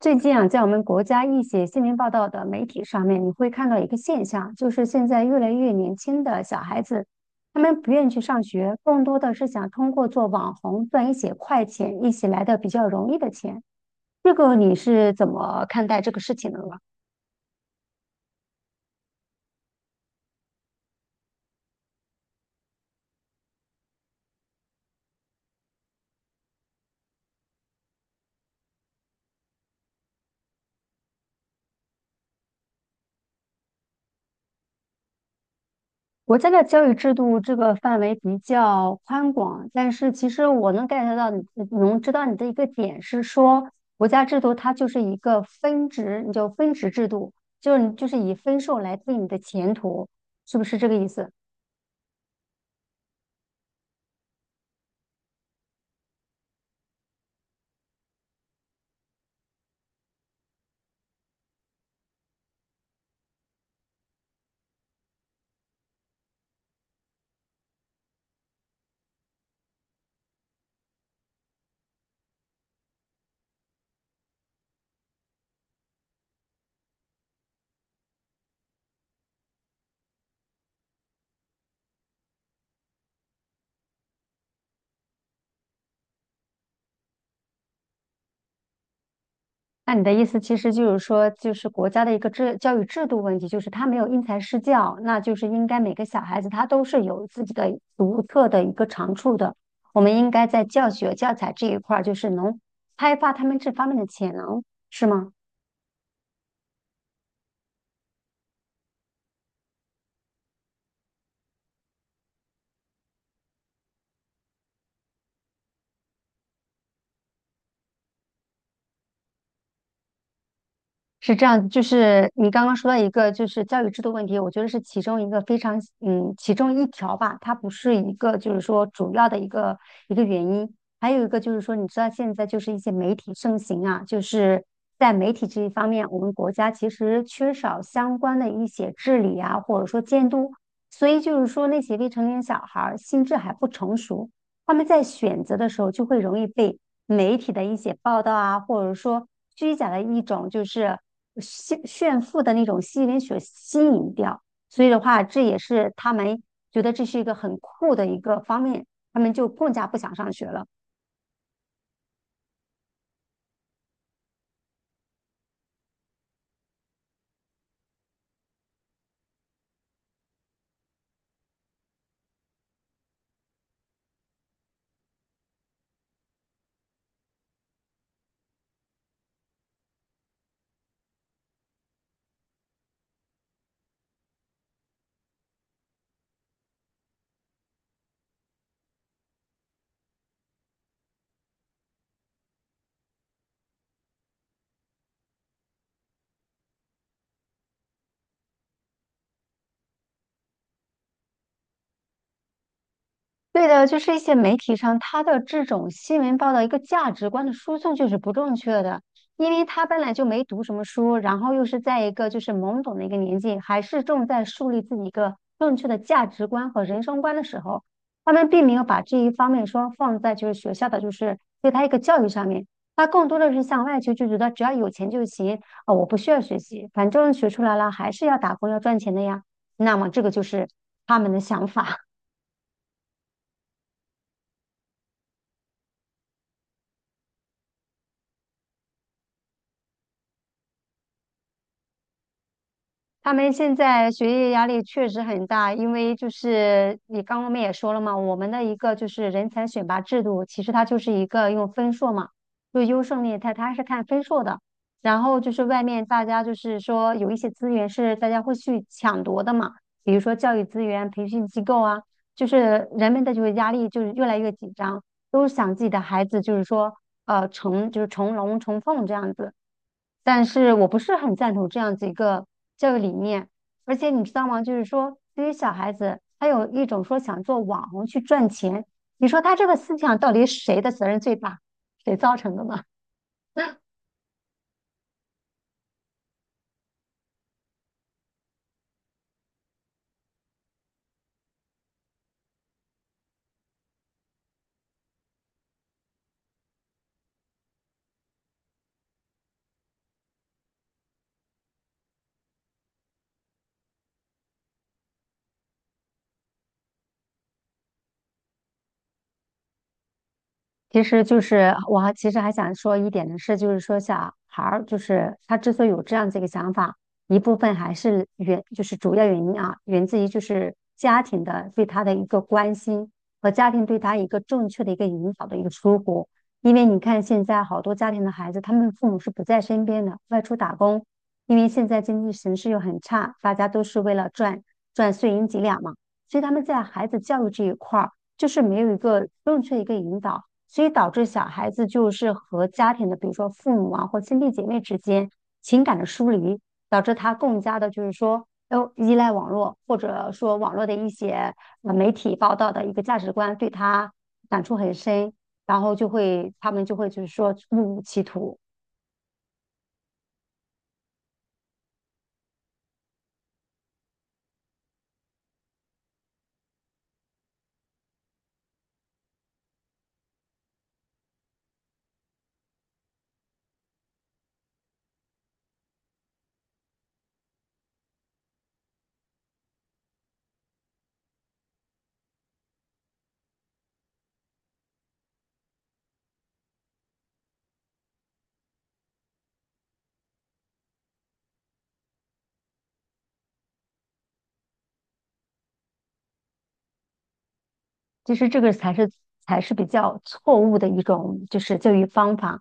最近啊，在我们国家一些新闻报道的媒体上面，你会看到一个现象，就是现在越来越年轻的小孩子，他们不愿意去上学，更多的是想通过做网红赚一些快钱，一起来的比较容易的钱。这个你是怎么看待这个事情的呢？国家的教育制度这个范围比较宽广，但是其实我能 get 到你，能知道你的一个点是说，国家制度它就是一个分值，你就分值制度，就是你就是以分数来定你的前途，是不是这个意思？那你的意思其实就是说，就是国家的一个教育制度问题，就是他没有因材施教，那就是应该每个小孩子他都是有自己的独特的一个长处的。我们应该在教学教材这一块儿，就是能开发他们这方面的潜能，是吗？是这样，就是你刚刚说到一个就是教育制度问题，我觉得是其中一个非常其中一条吧，它不是一个就是说主要的一个原因，还有一个就是说，你知道现在就是一些媒体盛行啊，就是在媒体这一方面，我们国家其实缺少相关的一些治理啊，或者说监督，所以就是说那些未成年小孩儿心智还不成熟，他们在选择的时候就会容易被媒体的一些报道啊，或者说虚假的一种就是炫富的那种吸引力所吸引掉。所以的话，这也是他们觉得这是一个很酷的一个方面，他们就更加不想上学了。对的，就是一些媒体上他的这种新闻报道一个价值观的输送就是不正确的，因为他本来就没读什么书，然后又是在一个就是懵懂的一个年纪，还是正在树立自己一个正确的价值观和人生观的时候，他们并没有把这一方面说放在就是学校的就是对他一个教育上面，他更多的是向外求，就觉得只要有钱就行啊，我不需要学习，反正学出来了还是要打工要赚钱的呀，那么这个就是他们的想法。他们现在学业压力确实很大，因为就是你刚刚我们也说了嘛，我们的一个就是人才选拔制度，其实它就是一个用分数嘛，就优胜劣汰，它是看分数的。然后就是外面大家就是说有一些资源是大家会去抢夺的嘛，比如说教育资源、培训机构啊，就是人们的就是压力就是越来越紧张，都想自己的孩子就是说就是成龙成凤这样子。但是我不是很赞同这样子一个教育理念。而且你知道吗？就是说，对于小孩子，他有一种说想做网红去赚钱，你说他这个思想到底谁的责任最大？谁造成的呢？其实就是我还其实还想说一点的是，就是说小孩儿就是他之所以有这样子一个想法，一部分还是就是主要原因啊，源自于就是家庭的对他的一个关心和家庭对他一个正确的一个引导的一个疏忽。因为你看现在好多家庭的孩子，他们父母是不在身边的，外出打工，因为现在经济形势又很差，大家都是为了赚碎银几两嘛，所以他们在孩子教育这一块儿，就是没有一个正确的一个引导，所以导致小孩子就是和家庭的，比如说父母啊或兄弟姐妹之间情感的疏离，导致他更加的就是说，哦，依赖网络，或者说网络的一些媒体报道的一个价值观对他感触很深，然后就会他们就会就是说误入歧途。其实这个才是比较错误的一种就是教育方法，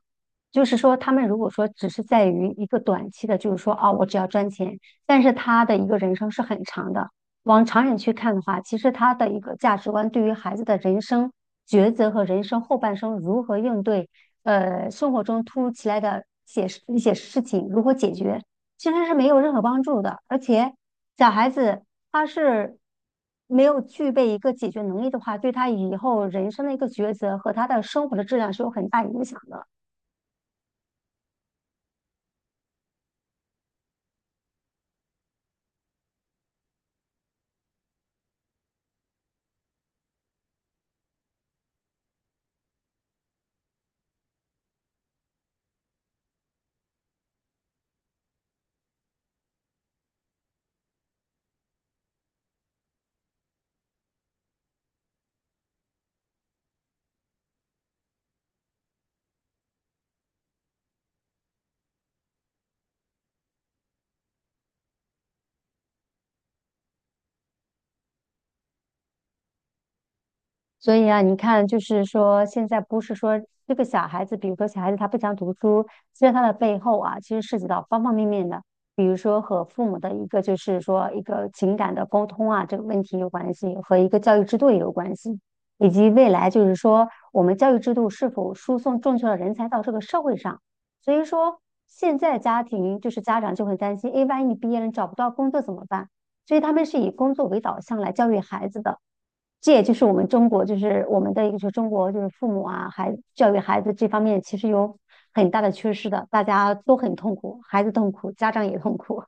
就是说他们如果说只是在于一个短期的，就是说啊，我只要赚钱，但是他的一个人生是很长的。往长远去看的话，其实他的一个价值观对于孩子的人生抉择和人生后半生如何应对，生活中突如其来的一些事情如何解决，其实是没有任何帮助的，而且小孩子他是没有具备一个解决能力的话，对他以后人生的一个抉择和他的生活的质量是有很大影响的。所以啊，你看，就是说，现在不是说这个小孩子，比如说小孩子他不想读书，其实他的背后啊，其实涉及到方方面面的，比如说和父母的一个就是说一个情感的沟通啊，这个问题有关系，和一个教育制度也有关系，以及未来就是说我们教育制度是否输送正确的人才到这个社会上。所以说，现在家庭就是家长就很担心，诶，万一你毕业了你找不到工作怎么办？所以他们是以工作为导向来教育孩子的。这也就是我们中国，就是我们的一个，就是中国就是父母啊，教育孩子这方面其实有很大的缺失的，大家都很痛苦，孩子痛苦，家长也痛苦。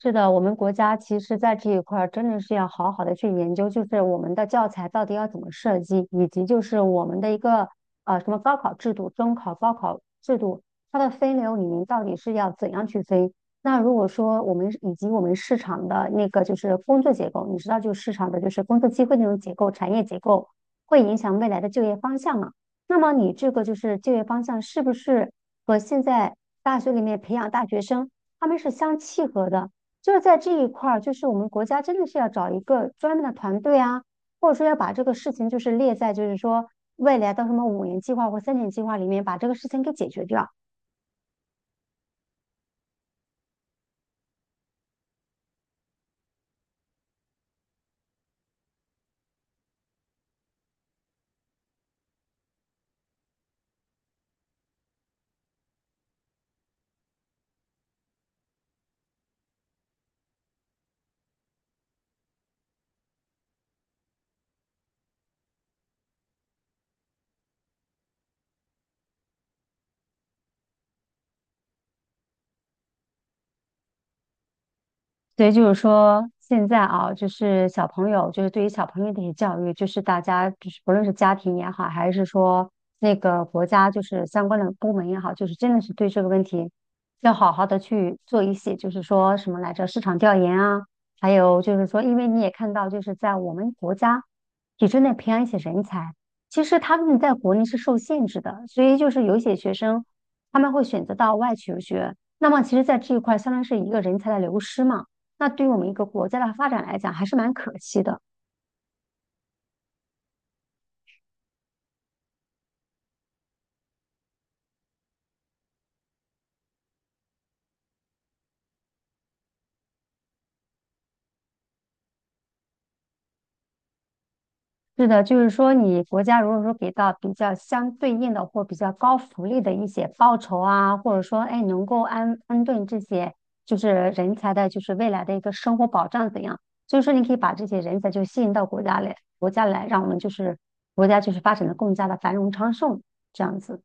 是的，我们国家其实在这一块儿真的是要好好的去研究，就是我们的教材到底要怎么设计，以及就是我们的一个什么高考制度、中考、高考制度，它的分流里面到底是要怎样去分？那如果说我们以及我们市场的那个就是工作结构，你知道就市场的就是工作机会那种结构、产业结构，会影响未来的就业方向嘛？那么你这个就是就业方向是不是和现在大学里面培养大学生他们是相契合的？就是在这一块儿，就是我们国家真的是要找一个专门的团队啊，或者说要把这个事情就是列在就是说未来到什么五年计划或三年计划里面把这个事情给解决掉。所以就是说，现在啊，就是小朋友，就是对于小朋友的一些教育，就是大家就是不论是家庭也好，还是说那个国家就是相关的部门也好，就是真的是对这个问题要好好的去做一些，就是说什么来着，市场调研啊，还有就是说，因为你也看到，就是在我们国家体制内培养一些人才，其实他们在国内是受限制的，所以就是有一些学生他们会选择到外求学，那么其实在这一块相当于是一个人才的流失嘛。那对于我们一个国家的发展来讲，还是蛮可惜的。是的，就是说，你国家如果说给到比较相对应的或比较高福利的一些报酬啊，或者说，哎，能够安顿这些就是人才的，就是未来的一个生活保障怎样？所以说，你可以把这些人才就吸引到国家来，让我们就是国家就是发展的更加的繁荣昌盛，这样子。